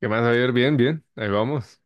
¿Qué más, Javier? Bien, bien, ahí vamos.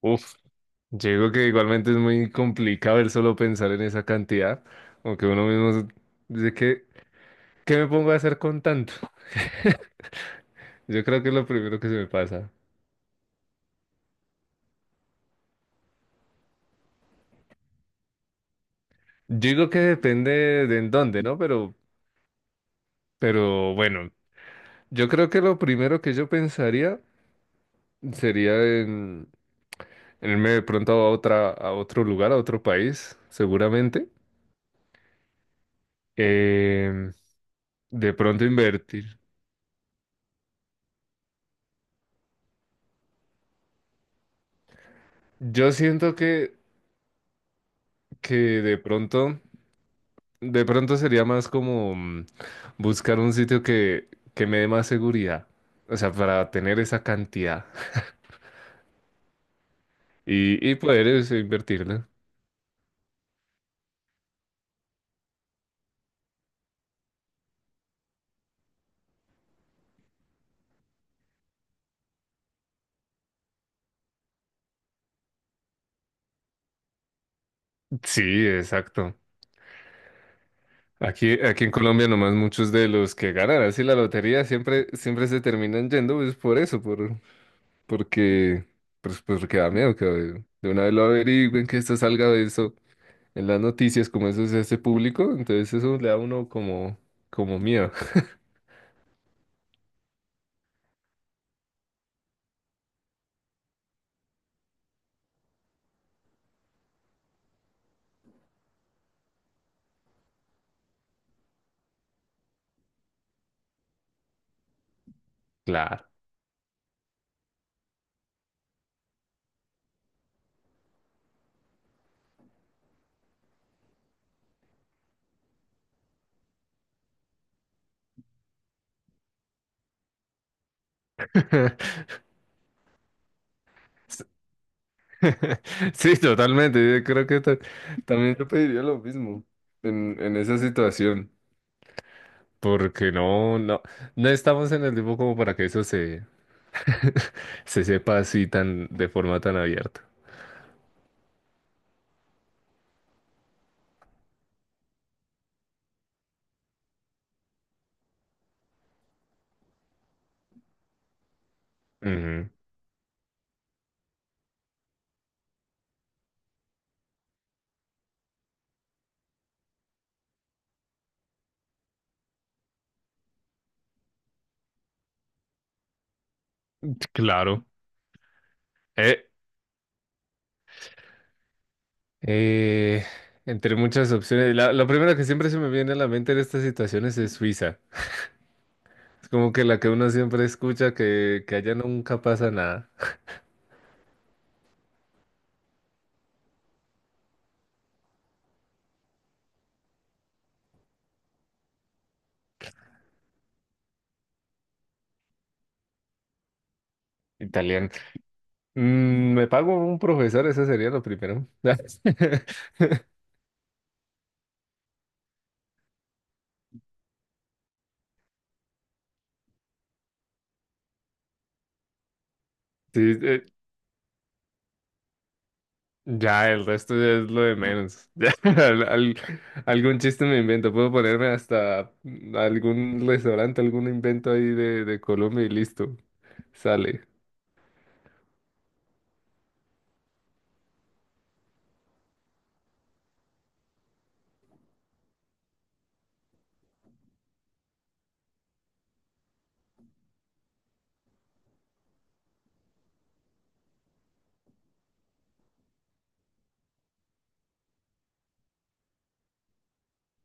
Uf, yo digo que igualmente es muy complicado el solo pensar en esa cantidad, aunque dice que, ¿qué me pongo a hacer con tanto? Yo creo que es lo primero que se me pasa. Yo digo que depende de en dónde, ¿no? Pero bueno, yo creo que lo primero que yo pensaría sería en, en irme de pronto a a otro lugar, a otro país, seguramente. Em, de pronto invertir. Yo siento que de pronto, de pronto sería más como buscar un sitio que me dé más seguridad, o sea, para tener esa cantidad y poder eso, invertirla. Sí, exacto. Aquí en Colombia nomás muchos de los que ganan así la lotería siempre, siempre se terminan yendo, pues por eso, porque, pues, porque da miedo que de una vez lo averigüen, que esto salga de eso en las noticias, como eso se hace público, entonces eso le da a uno como, como miedo. Claro. Sí, totalmente. Yo creo que también yo pediría lo mismo en esa situación. Porque no estamos en el tiempo como para que eso se sepa así tan, de forma tan abierta. Ujú. Claro. Eh, eh, entre muchas opciones. La primera que siempre se me viene a la mente en estas situaciones es Suiza. Es como que la que uno siempre escucha que allá nunca pasa nada. Mm, me pago un profesor, eso sería lo primero. Sí, ya, el resto ya es lo de menos. Ya, algún chiste me invento, puedo ponerme hasta algún restaurante, algún invento ahí de Colombia y listo, sale.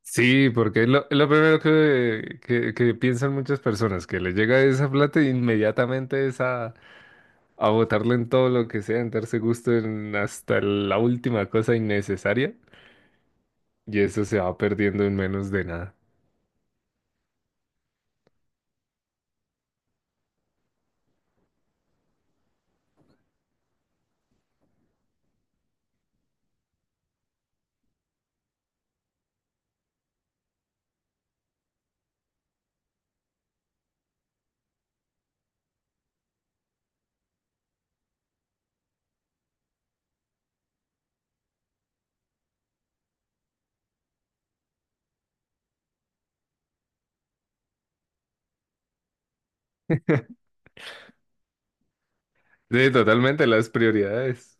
Sí, porque es es lo primero que piensan muchas personas, que les llega esa plata e inmediatamente es a botarla en todo lo que sea, en darse gusto en hasta la última cosa innecesaria. Y eso se va perdiendo en menos de nada. Sí, totalmente, las prioridades.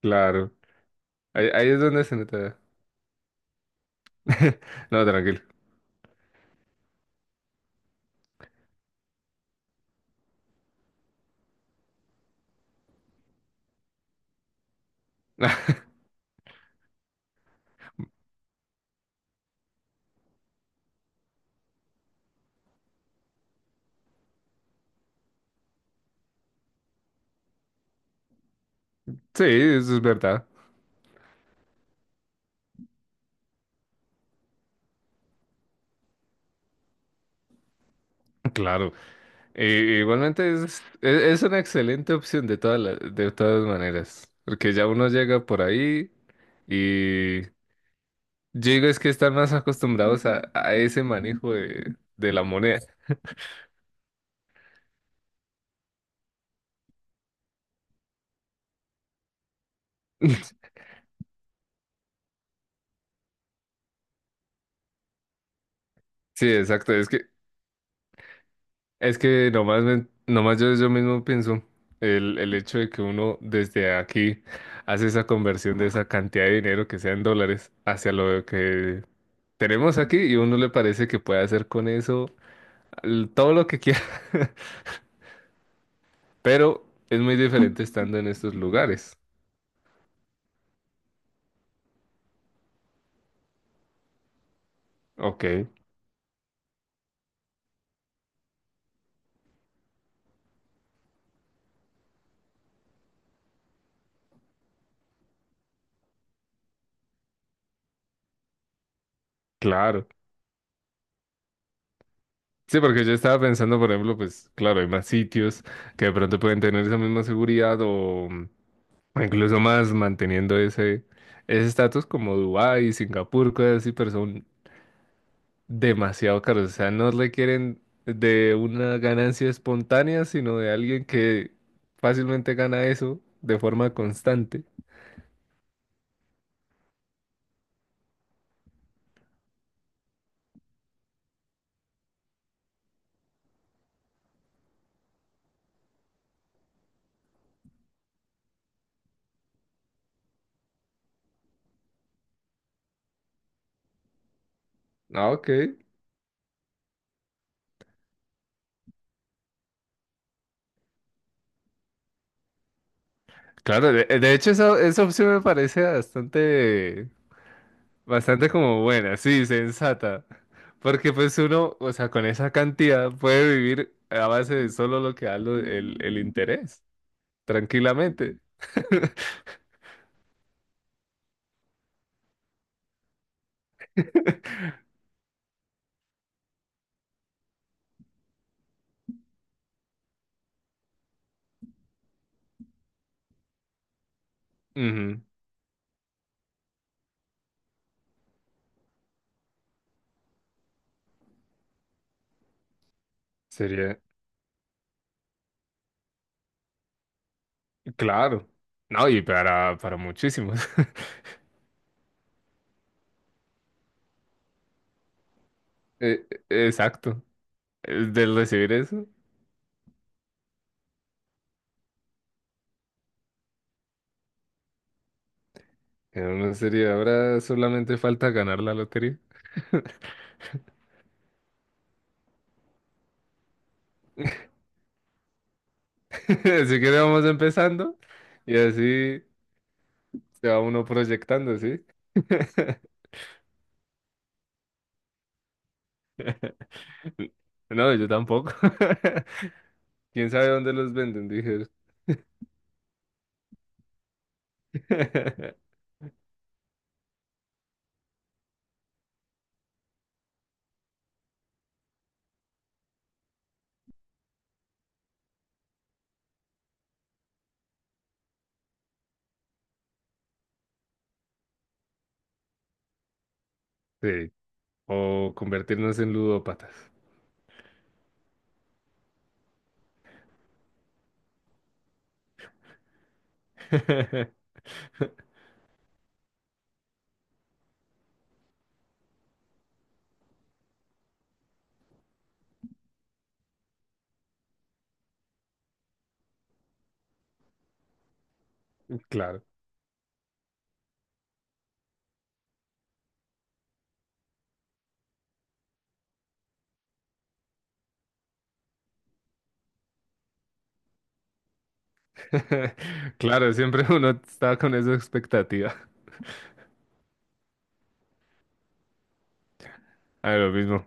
Claro. Ahí es donde se nota. No, tranquilo. Sí, eso es verdad. Claro. Igualmente es una excelente opción de de todas maneras. Porque ya uno llega por ahí y yo digo es que están más acostumbrados a ese manejo de la moneda. Sí, exacto. Es que nomás, nomás yo mismo pienso el hecho de que uno desde aquí hace esa conversión de esa cantidad de dinero que sea en dólares hacia lo que tenemos aquí y uno le parece que puede hacer con eso todo lo que quiera, pero es muy diferente estando en estos lugares. Ok, claro. Sí, porque yo estaba pensando, por ejemplo, pues claro, hay más sitios que de pronto pueden tener esa misma seguridad o mm, o incluso más manteniendo ese estatus como Dubái, Singapur, cosas así, pero son demasiado caros. O sea, no requieren de una ganancia espontánea, sino de alguien que fácilmente gana eso de forma constante. Ah, ok. Claro, de hecho esa opción me parece bastante, bastante como buena, sí, sensata. Porque pues uno, o sea, con esa cantidad puede vivir a base de solo lo que da el interés. Tranquilamente. Ujú. Sería, claro. No, y para muchísimos. E- Exacto. Del recibir eso, en una serie ahora solamente falta ganar la lotería. Así que vamos empezando y así se va uno proyectando, ¿sí? No, yo tampoco. ¿Quién sabe dónde los venden? Dije. Sí. O convertirnos en ludópatas. Claro. Claro, siempre uno está con esa expectativa. A lo mismo.